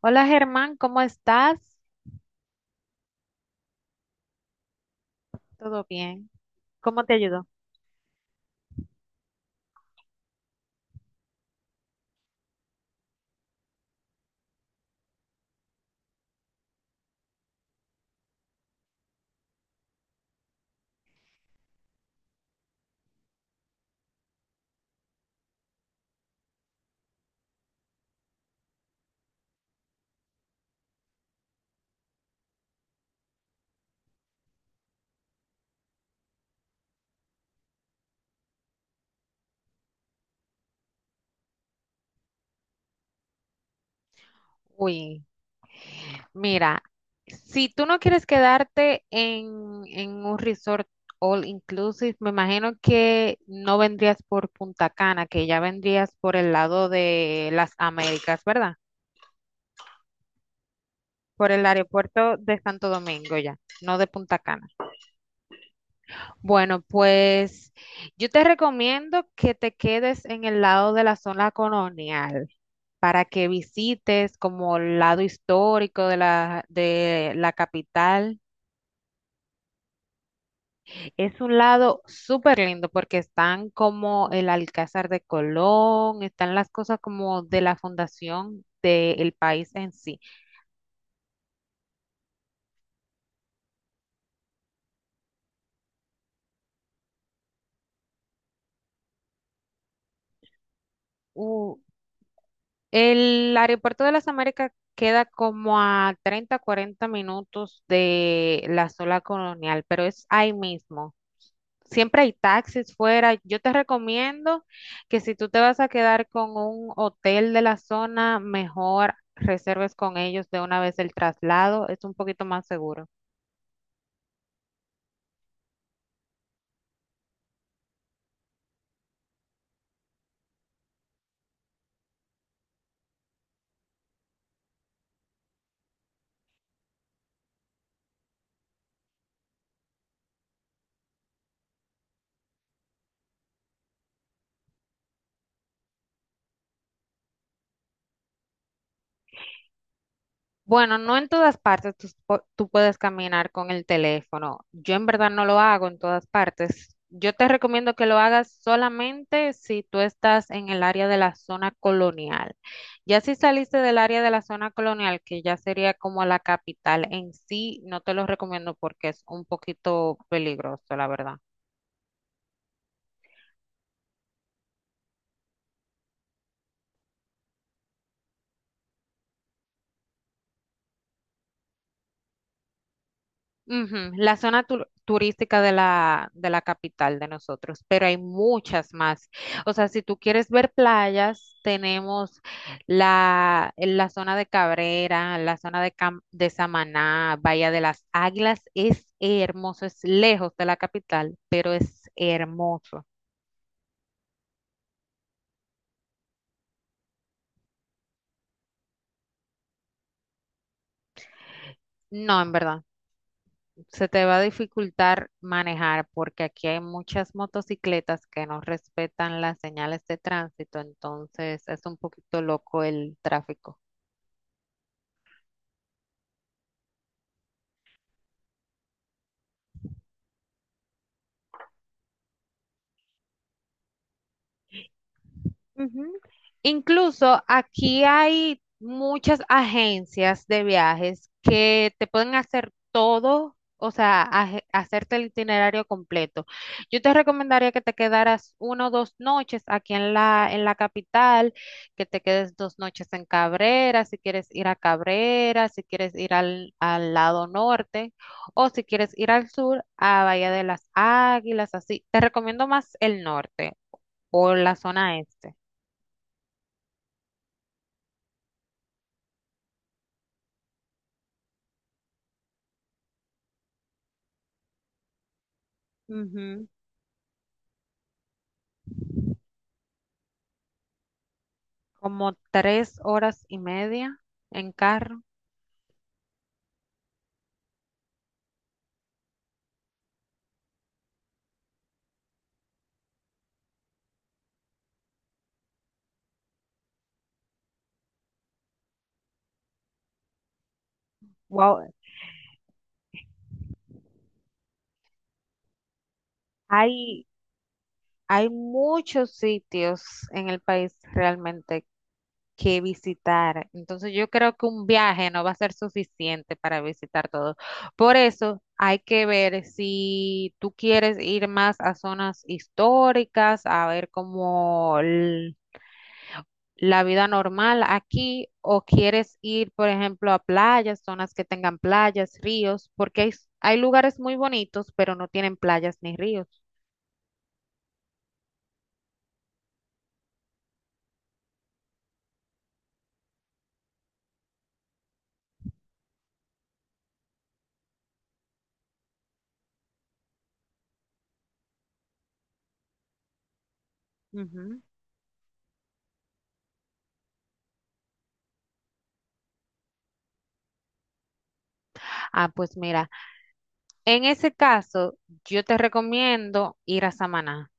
Hola Germán, ¿cómo estás? ¿Todo bien? ¿Cómo te ayudó? Uy, mira, si tú no quieres quedarte en un resort all inclusive, me imagino que no vendrías por Punta Cana, que ya vendrías por el lado de las Américas, ¿verdad? Por el aeropuerto de Santo Domingo ya, no de Punta Cana. Bueno, pues yo te recomiendo que te quedes en el lado de la zona colonial, para que visites como el lado histórico de la capital. Es un lado súper lindo porque están como el Alcázar de Colón, están las cosas como de la fundación del país en sí. U- el aeropuerto de las Américas queda como a 30 40 minutos de la zona colonial, pero es ahí mismo. Siempre hay taxis fuera. Yo te recomiendo que si tú te vas a quedar con un hotel de la zona, mejor reserves con ellos de una vez el traslado. Es un poquito más seguro. Bueno, no en todas partes tú, tú puedes caminar con el teléfono. Yo en verdad no lo hago en todas partes. Yo te recomiendo que lo hagas solamente si tú estás en el área de la zona colonial. Ya si saliste del área de la zona colonial, que ya sería como la capital en sí, no te lo recomiendo porque es un poquito peligroso, la verdad. Ujú. La zona turística de la capital de nosotros, pero hay muchas más. O sea, si tú quieres ver playas, tenemos la zona de Cabrera, la zona de, de Samaná, Bahía de las Águilas. Es hermoso, es lejos de la capital, pero es hermoso. No, en verdad, se te va a dificultar manejar porque aquí hay muchas motocicletas que no respetan las señales de tránsito, entonces es un poquito loco el tráfico. Ujú. Incluso aquí hay muchas agencias de viajes que te pueden hacer todo, o sea, hacerte el itinerario completo. Yo te recomendaría que te quedaras una o dos noches aquí en la capital, que te quedes dos noches en Cabrera, si quieres ir a Cabrera, si quieres ir al lado norte, o si quieres ir al sur, a Bahía de las Águilas, así. Te recomiendo más el norte o la zona este. Ujú. Como tres horas y media en carro. Wow, hay, hay muchos sitios en el país realmente que visitar. Entonces yo creo que un viaje no va a ser suficiente para visitar todo. Por eso hay que ver si tú quieres ir más a zonas históricas, a ver como la vida normal aquí, o quieres ir, por ejemplo, a playas, zonas que tengan playas, ríos, porque hay lugares muy bonitos, pero no tienen playas ni ríos. Ujú. Ah, pues mira, en ese caso, yo te recomiendo ir a Samaná,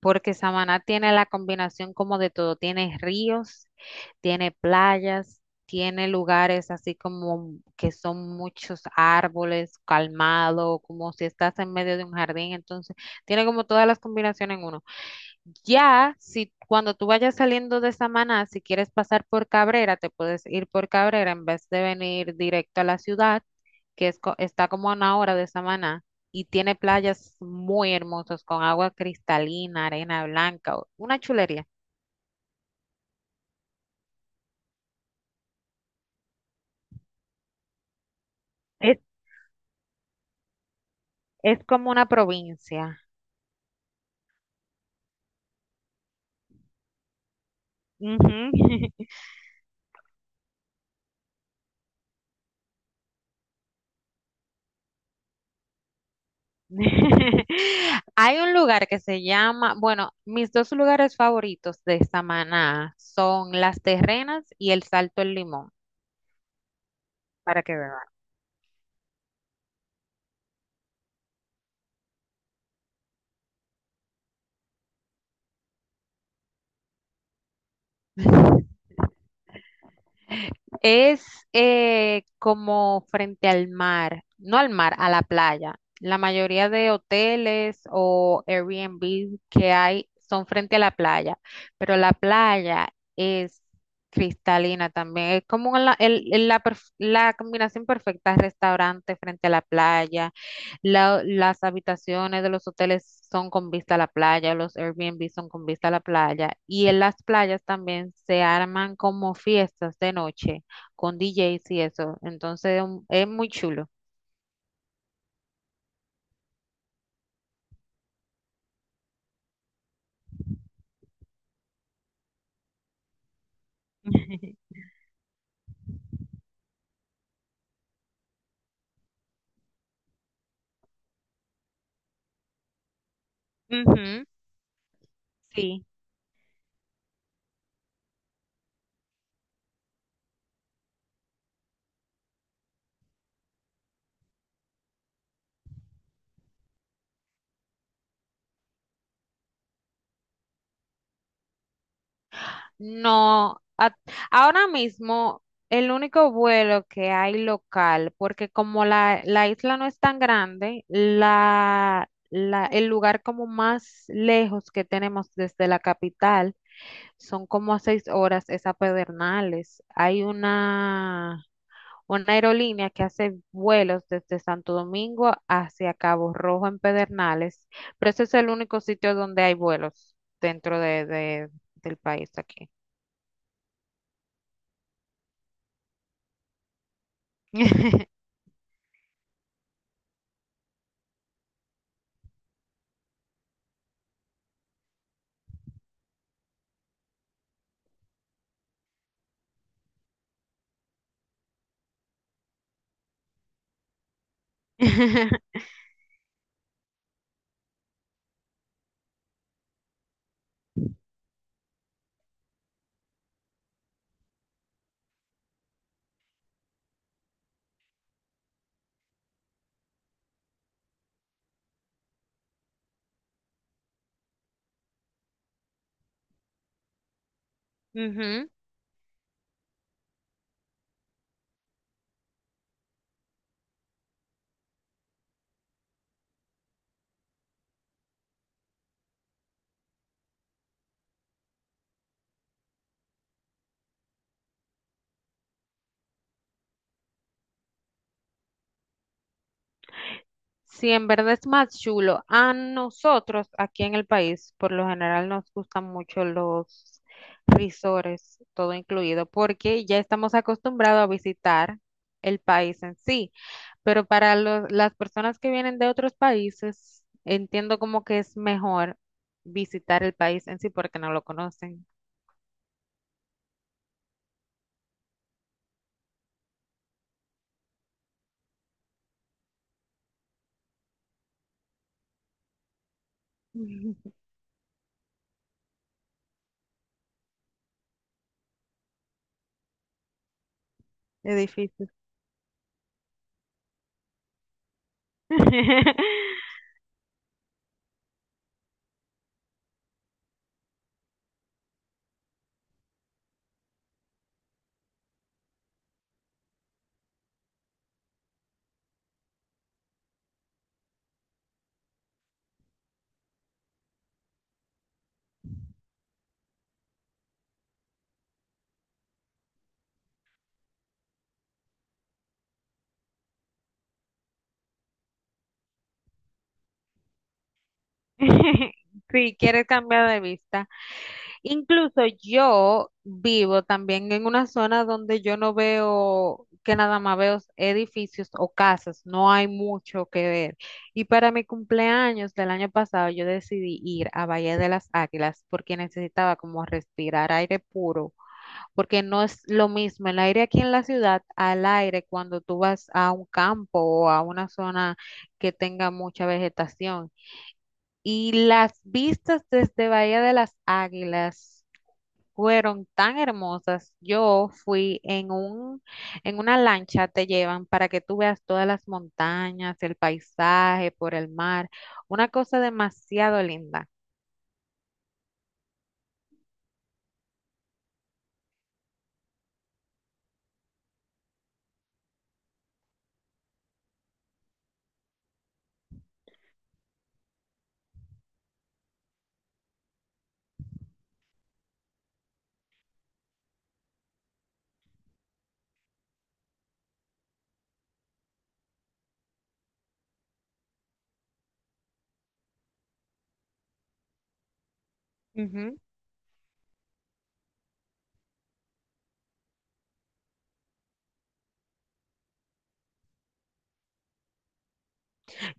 porque Samaná tiene la combinación como de todo, tiene ríos, tiene playas, tiene lugares así como que son muchos árboles, calmado, como si estás en medio de un jardín, entonces tiene como todas las combinaciones en uno. Ya, si cuando tú vayas saliendo de Samaná, si quieres pasar por Cabrera, te puedes ir por Cabrera en vez de venir directo a la ciudad, que está como a una hora de Samaná y tiene playas muy hermosas con agua cristalina, arena blanca, una chulería. Es, es como una provincia. Ujú. Hay un lugar que se llama, bueno, mis dos lugares favoritos de Samaná son Las Terrenas y el Salto El Limón, para que veas. Es como frente al mar, no al mar, a la playa. La mayoría de hoteles o Airbnb que hay son frente a la playa, pero la playa es cristalina también. Es como la, el- la perf- la combinación perfecta, restaurante frente a la playa, las habitaciones de los hoteles son con vista a la playa, los Airbnb son con vista a la playa y en las playas también se arman como fiestas de noche con DJs y eso. Entonces es muy chulo. Ujú. Sí. No, ahora mismo el único vuelo que hay local, porque como la isla no es tan grande, el lugar como más lejos que tenemos desde la capital son como a seis horas, es a Pedernales. Hay una aerolínea que hace vuelos desde Santo Domingo hacia Cabo Rojo en Pedernales, pero ese es el único sitio donde hay vuelos dentro del país aquí. Ujú. Sí, en verdad es más chulo. A nosotros aquí en el país, por lo general, nos gustan mucho los risores, todo incluido, porque ya estamos acostumbrados a visitar el país en sí. Pero para las personas que vienen de otros países, entiendo como que es mejor visitar el país en sí porque no lo conocen. Es difícil. Sí, quieres cambiar de vista. Incluso yo vivo también en una zona donde yo no veo, que nada más veo edificios o casas, no hay mucho que ver. Y para mi cumpleaños del año pasado yo decidí ir a Valle de las Águilas porque necesitaba como respirar aire puro, porque no es lo mismo el aire aquí en la ciudad al aire cuando tú vas a un campo o a una zona que tenga mucha vegetación. Y las vistas desde Bahía de las Águilas fueron tan hermosas. Yo fui en en una lancha, te llevan para que tú veas todas las montañas, el paisaje por el mar, una cosa demasiado linda. Ujú.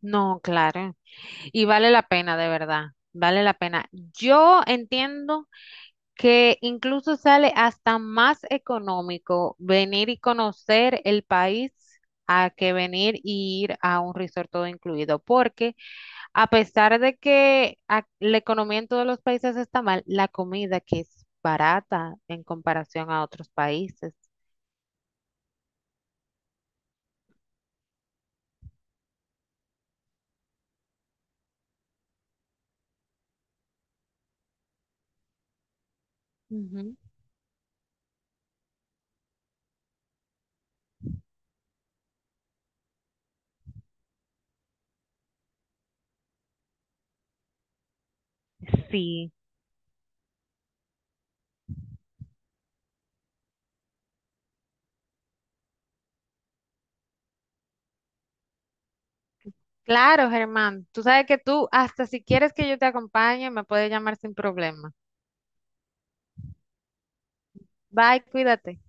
No, claro. Y vale la pena, de verdad. Vale la pena. Yo entiendo que incluso sale hasta más económico venir y conocer el país a que venir y ir a un resort todo incluido, porque a pesar de que la economía en todos los países está mal, la comida que es barata en comparación a otros países. Ujú. Sí. Claro, Germán. Tú sabes que tú, hasta si quieres que yo te acompañe, me puedes llamar sin problema. Bye, cuídate.